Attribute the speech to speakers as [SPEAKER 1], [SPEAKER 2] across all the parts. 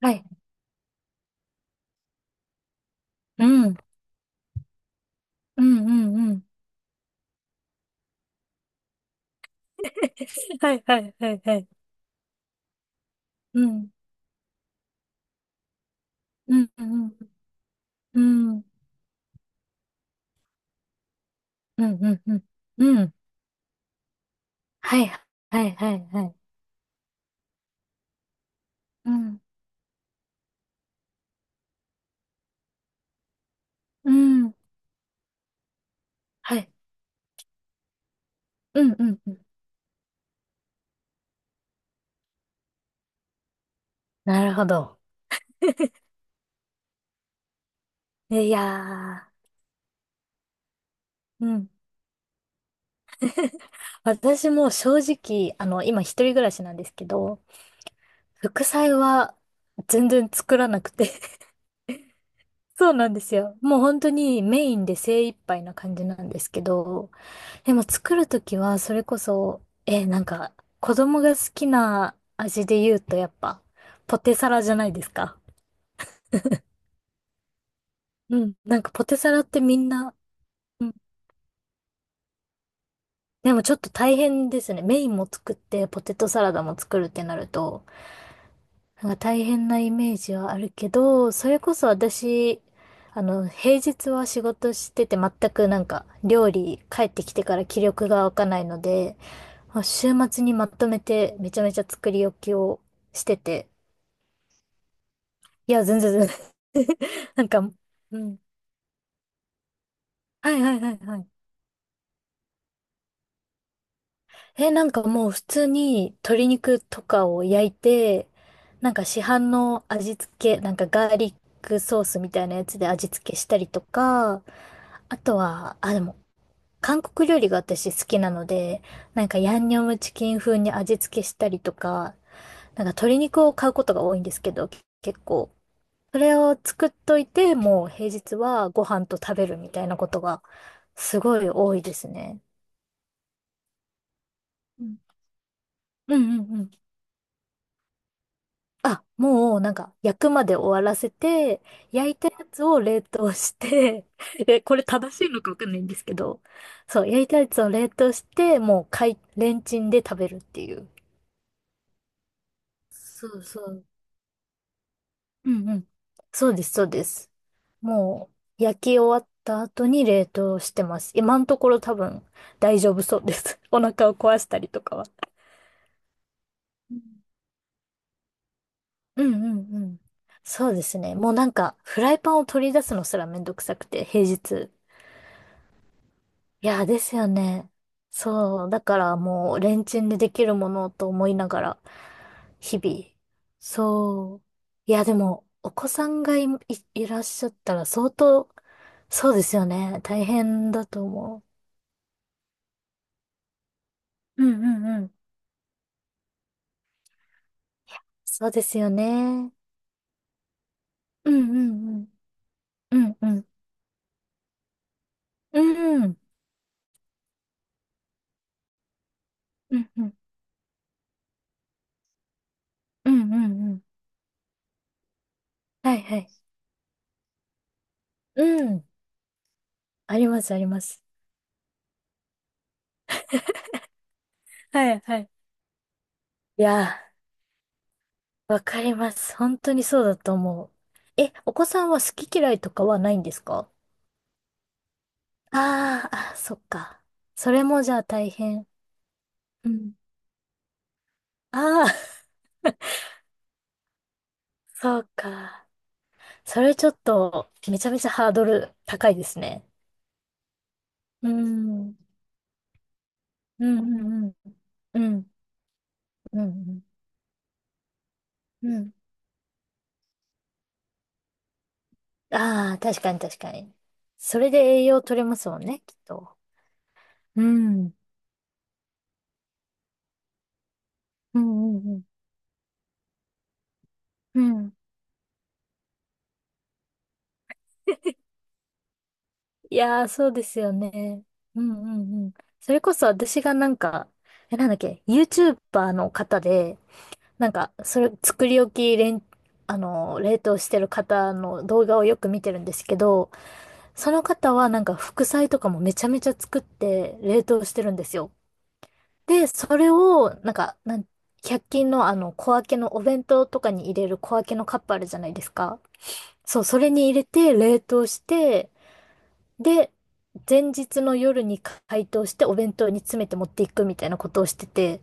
[SPEAKER 1] はい。うん。うん、うん、うん。はい、はい、はい、はい。うん。うん、うん、うん。うん、うん、うん。うんうんはい、はい、はい、はい。うん。うん。はい。うん、うん、うんうんうんうんはいはいはいはいうんうんはいうんうんうんなるほど。いやー。うん。私も正直、今一人暮らしなんですけど、副菜は全然作らなくて。 そうなんですよ。もう本当にメインで精一杯な感じなんですけど、でも作るときは、それこそ、え、なんか、子供が好きな味で言うと、やっぱ、ポテサラじゃないですか。うん。ポテサラってみんな、うん。でもちょっと大変ですね。メインも作って、ポテトサラダも作るってなると、なんか大変なイメージはあるけど、それこそ私、平日は仕事してて、全くなんか、料理帰ってきてから気力が湧かないので、まあ週末にまとめて、めちゃめちゃ作り置きをしてて、いや、全然全然。なんか、うん。はいはいはいはい。え、なんかもう普通に鶏肉とかを焼いて、市販の味付け、ガーリックソースみたいなやつで味付けしたりとか、あとは、あ、でも、韓国料理が私好きなので、なんかヤンニョムチキン風に味付けしたりとか、なんか鶏肉を買うことが多いんですけど、結構。それを作っといて、もう平日はご飯と食べるみたいなことがすごい多いですね。うんうんうんうん。あ、もうなんか焼くまで終わらせて、焼いたやつを冷凍して、え、これ正しいのかわかんないんですけど、そう、焼いたやつを冷凍して、もうかい、レンチンで食べるっていう。そうそう。うんうん。そうです、そうです。もう、焼き終わった後に冷凍してます。今のところ多分大丈夫そうです。お腹を壊したりとかは。うんうんうんうん。そうですね。もうなんか、フライパンを取り出すのすらめんどくさくて、平日。いや、ですよね。そう、だからもう、レンチンでできるものと思いながら、日々。そう。いや、でも、お子さんがい、い、いらっしゃったら相当、そうですよね。大変だと思う。うんうんうん。そうですよね。うんうんうん。うんうん。うんうん。うんうん。うんうんうん。はいはい。うん。ありますあります。はいはい。いやー。わかります。本当にそうだと思う。え、お子さんは好き嫌いとかはないんですか？あーあ、そっか。それもじゃあ大変。うん。ああ、そうか。それちょっと、めちゃめちゃハードル高いですね。うん。うんうんうん。うん。うんうん。うん。ああ、確かに確かに。それで栄養取れますもんね、きっと。うん。うんうんうん。うんいやー、そうですよね。うんうんうん。それこそ私がなんか、え、なんだっけ、YouTuber の方で、なんか、それ、作り置きれん、あの、冷凍してる方の動画をよく見てるんですけど、その方はなんか副菜とかもめちゃめちゃ作って冷凍してるんですよ。で、それを、1均のあの、小分けのお弁当とかに入れる小分けのカップあるじゃないですか。そう、それに入れて冷凍して、で、前日の夜に解凍してお弁当に詰めて持っていくみたいなことをしてて、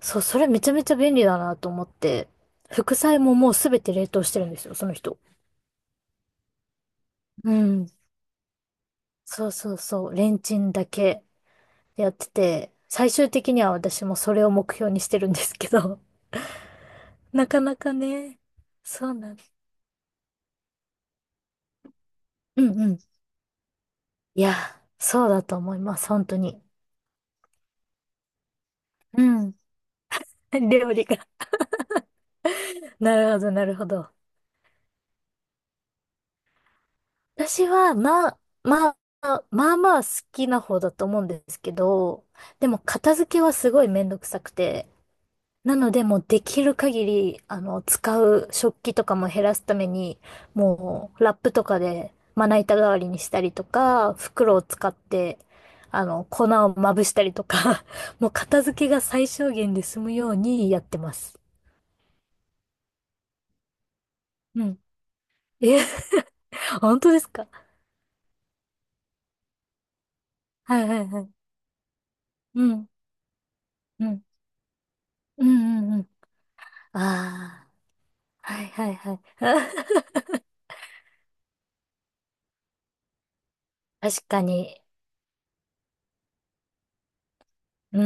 [SPEAKER 1] そう、それめちゃめちゃ便利だなと思って、副菜ももうすべて冷凍してるんですよ、その人。うん。そうそうそう、レンチンだけやってて、最終的には私もそれを目標にしてるんですけど、なかなかね、そうなんです、うんうん。いや、そうだと思います、本当に。うん。料理が。なるほど、なるほど。私は、まあまあ好きな方だと思うんですけど、でも片付けはすごいめんどくさくて、なのでもうできる限り、あの、使う食器とかも減らすために、もうラップとかでまな板代わりにしたりとか、袋を使って、あの、粉をまぶしたりとか、もう片付けが最小限で済むようにやってます。うん。え、本当ですか？はいはいはい。うん、うん、うん、うん、うん。ああ。はいはいはい。確かに。うー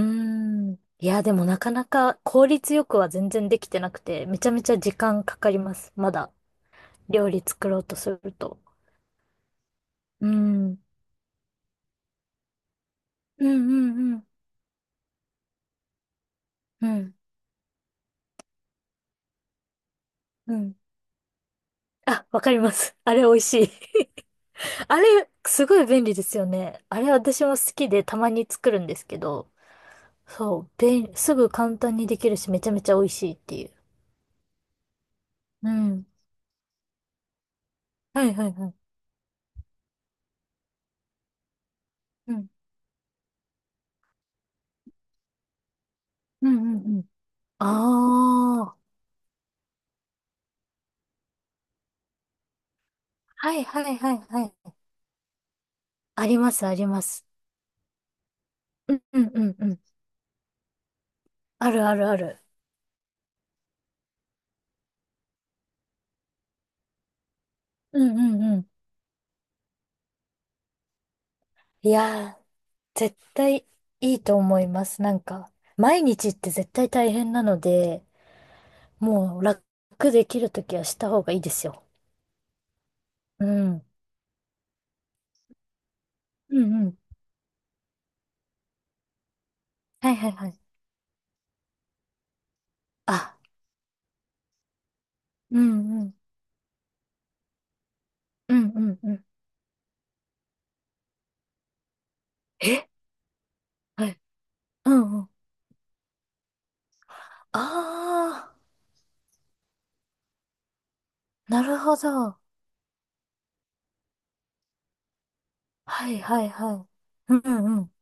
[SPEAKER 1] ん。いや、でもなかなか効率よくは全然できてなくて、めちゃめちゃ時間かかります。まだ料理作ろうとすると。うーん。うんうんうん。うん。うん。あ、わかります。あれ美味しい。あれ、すごい便利ですよね。あれ私も好きでたまに作るんですけど、すぐ簡単にできるし、めちゃめちゃ美味しいっていう。うん。はいはいはい。うん。うんうんうん。ああ。はいはいはいはい。ありますあります。うんうんうんうん。あるあるある。うんうんうん。いやー、絶対いいと思います。なんか、毎日って絶対大変なので、もう楽できるときはした方がいいですよ。うん。うんうん。はいはいはい。あ、うんうん。うんうんうん。えはい。うんうん。あー、なるほど。はいはいはい。うんうん。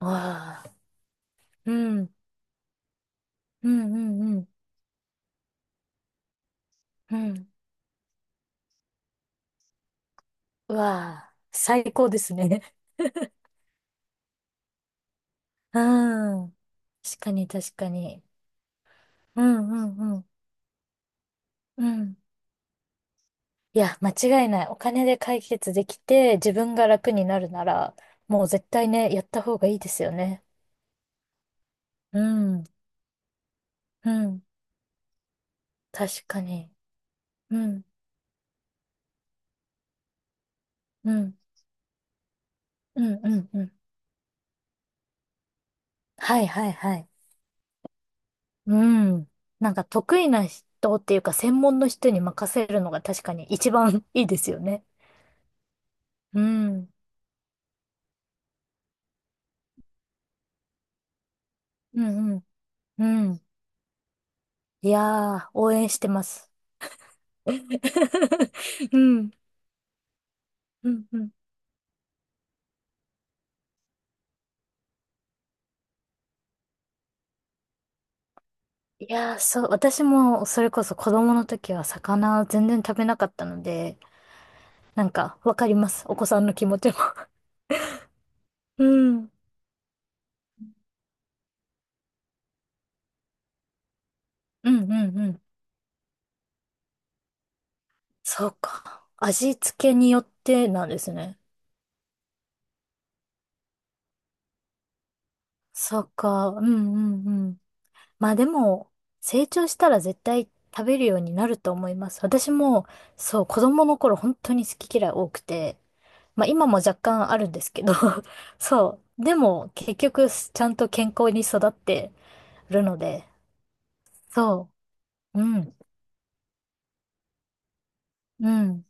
[SPEAKER 1] わあ。うん。うんうんうん。うんうわあ、最高ですね。うん。確かに、確かに。うんうんうん。うん。いや、間違いない。お金で解決できて、自分が楽になるなら、もう絶対ね、やった方がいいですよね。うん。うん。確かに。うん。うん。うんうんうん。はいはいはい。うん。なんか得意な人っていうか、専門の人に任せるのが確かに一番いいですよね。うん。うんうん。うん。いやー、応援してます。うん、うん、うん。いやー、そう、私もそれこそ子供の時は魚全然食べなかったので、なんかわかります。お子さんの気持ちも。うん、うん、うん、うん。そうか。味付けによってなんですね。そうか。うん、うん、うん。まあでも、成長したら絶対食べるようになると思います。私も、そう、子供の頃本当に好き嫌い多くて、まあ今も若干あるんですけど、そう。でも、結局、ちゃんと健康に育ってるので、そう。うん、うん、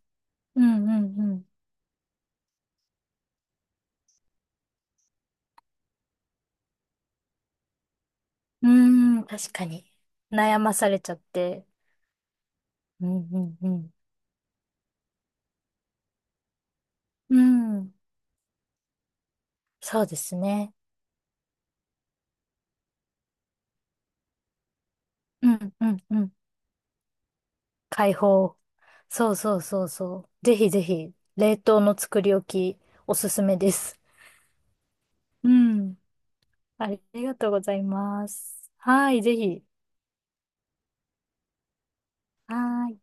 [SPEAKER 1] うん、うん、うん。うーん、確かに。悩まされちゃって。うん、うん、うん。うん、そうですね。うん、うん、うん。解放。そうそうそうそう。ぜひぜひ、冷凍の作り置き、おすすめです。うん。ありがとうございます。はい、ぜひ。はーい。